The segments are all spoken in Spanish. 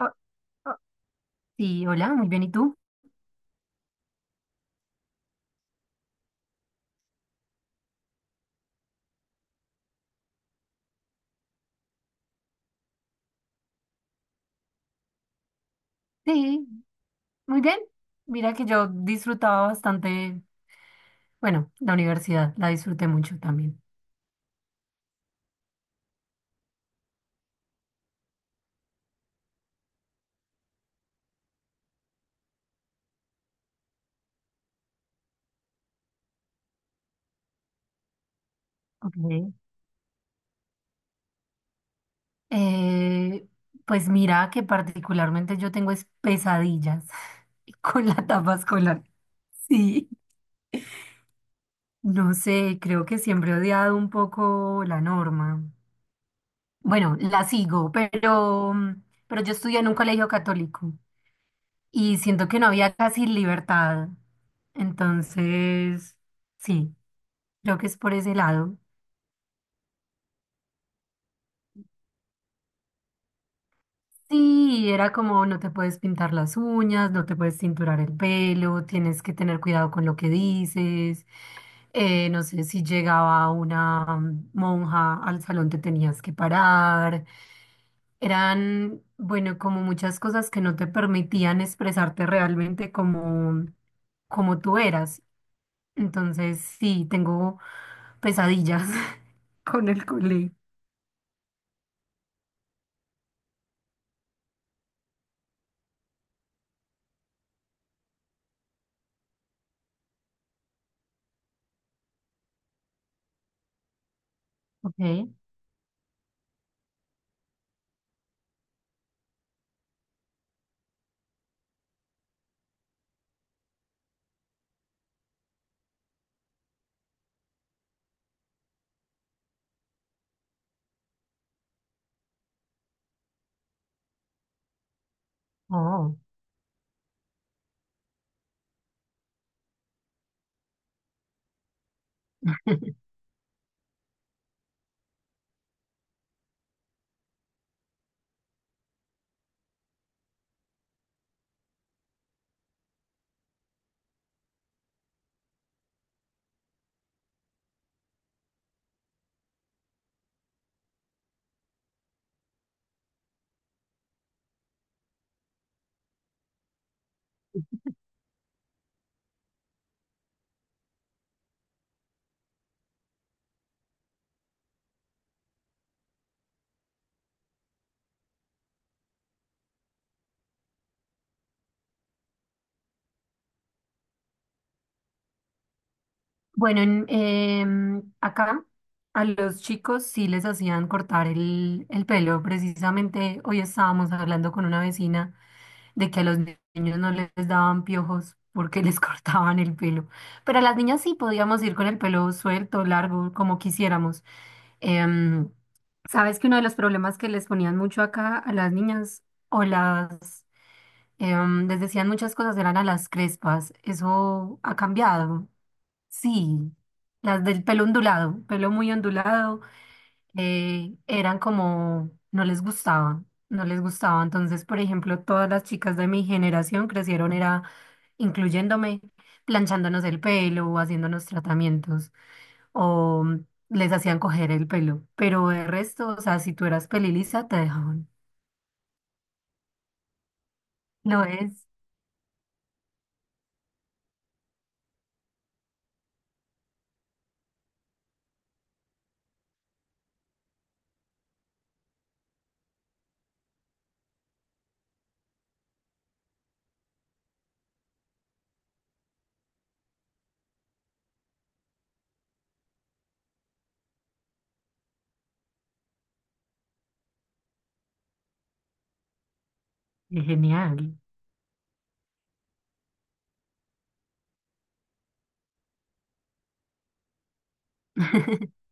Oh, oh, sí, hola, muy bien. ¿Y tú? Sí, muy bien. Mira que yo disfrutaba bastante, bueno, la universidad, la disfruté mucho también. Ok. Eh, pues mira que particularmente yo tengo es pesadillas con la etapa escolar. Sí, no sé, creo que siempre he odiado un poco la norma. Bueno, la sigo, pero yo estudié en un colegio católico. Y siento que no había casi libertad. Entonces, sí, creo que es por ese lado. Sí, era como no te puedes pintar las uñas, no te puedes cinturar el pelo, tienes que tener cuidado con lo que dices. No sé si llegaba una monja al salón, te tenías que parar. Eran, bueno, como muchas cosas que no te permitían expresarte realmente como tú eras. Entonces, sí, tengo pesadillas con el colegio. Ok. Oh. Bueno, acá a los chicos sí les hacían cortar el pelo. Precisamente hoy estábamos hablando con una vecina de que a los niños no les daban piojos porque les cortaban el pelo. Pero a las niñas sí podíamos ir con el pelo suelto, largo, como quisiéramos. Em, Sabes que uno de los problemas que les ponían mucho acá a las niñas o las, les decían muchas cosas, eran a las crespas. Eso ha cambiado. Sí, las del pelo ondulado, pelo muy ondulado, eran como, no les gustaba, no les gustaba. Entonces, por ejemplo, todas las chicas de mi generación crecieron, era incluyéndome, planchándonos el pelo, o haciéndonos tratamientos, o les hacían coger el pelo. Pero el resto, o sea, si tú eras pelilisa, te dejaban. Lo es genial.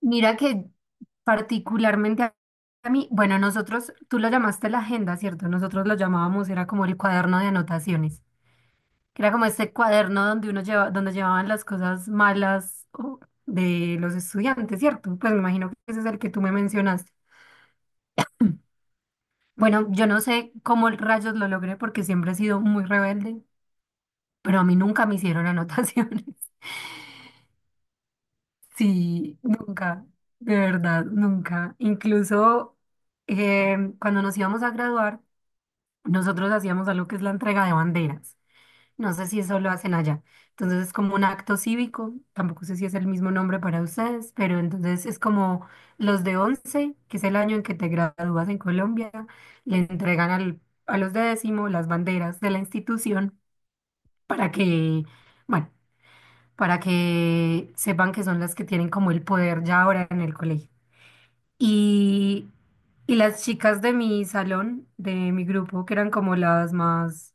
Mira que particularmente a mí, bueno, nosotros, tú lo llamaste la agenda, ¿cierto? Nosotros lo llamábamos, era como el cuaderno de anotaciones, que era como ese cuaderno donde uno lleva, donde llevaban las cosas malas o, de los estudiantes, ¿cierto? Pues me imagino que ese es el que tú me mencionaste. Bueno, yo no sé cómo rayos lo logré porque siempre he sido muy rebelde, pero a mí nunca me hicieron anotaciones. Sí, nunca, de verdad, nunca. Incluso cuando nos íbamos a graduar, nosotros hacíamos algo que es la entrega de banderas. No sé si eso lo hacen allá. Entonces es como un acto cívico. Tampoco sé si es el mismo nombre para ustedes, pero entonces es como los de 11, que es el año en que te gradúas en Colombia, le entregan a los de décimo las banderas de la institución para que, bueno, para que sepan que son las que tienen como el poder ya ahora en el colegio. Y, y las chicas de mi salón, de mi grupo, que eran como las más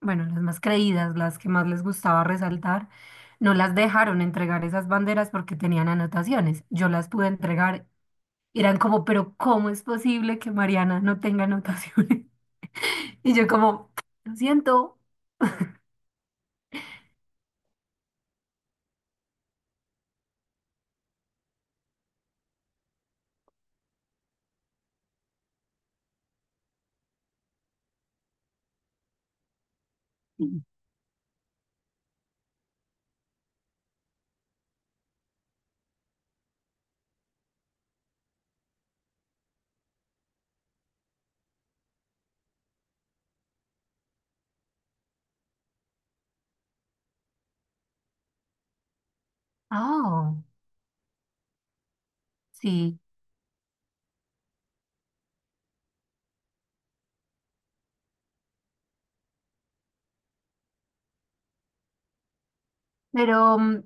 bueno, las más creídas, las que más les gustaba resaltar, no las dejaron entregar esas banderas porque tenían anotaciones. Yo las pude entregar. Y eran como, pero ¿cómo es posible que Mariana no tenga anotaciones? Y yo como, lo siento. Ah, sí, pero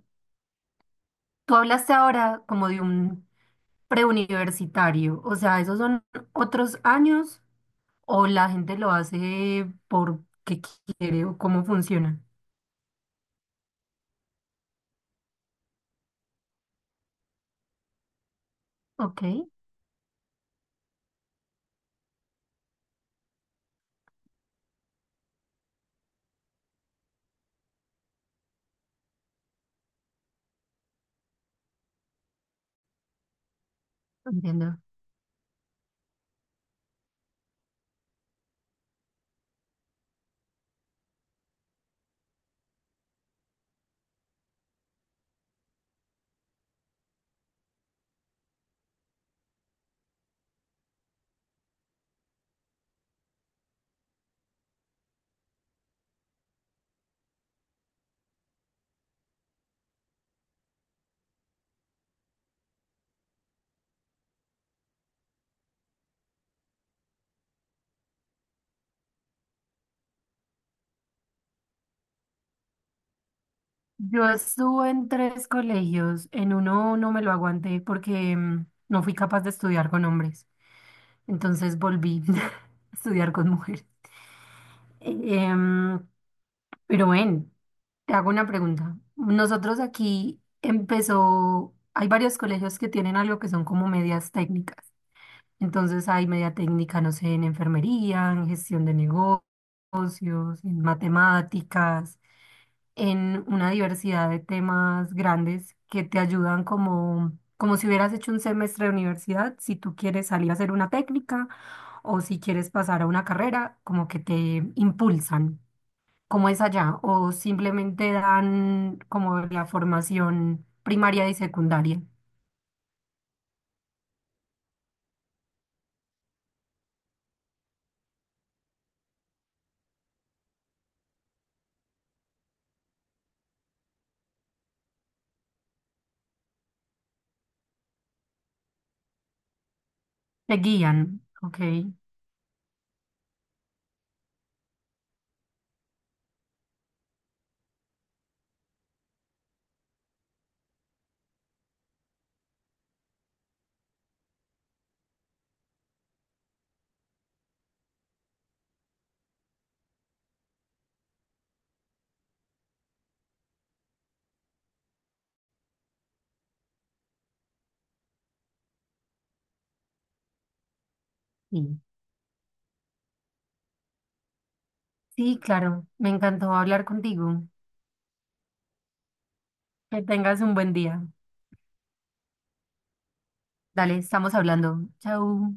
tú hablaste ahora como de un preuniversitario, o sea, ¿esos son otros años o la gente lo hace porque quiere o cómo funciona? Ok, entiendo. Yo estuve en tres colegios, en uno no me lo aguanté porque no fui capaz de estudiar con hombres, entonces volví a estudiar con mujeres. Em, pero ven, te hago una pregunta. Nosotros aquí empezó, hay varios colegios que tienen algo que son como medias técnicas. Entonces hay media técnica, no sé, en enfermería, en gestión de negocios, en matemáticas. En una diversidad de temas grandes que te ayudan como si hubieras hecho un semestre de universidad, si tú quieres salir a hacer una técnica o si quieres pasar a una carrera, como que te impulsan, como es allá, o simplemente dan como la formación primaria y secundaria, te guían, ¿ok? Sí. Sí, claro, me encantó hablar contigo. Que tengas un buen día. Dale, estamos hablando. Chau.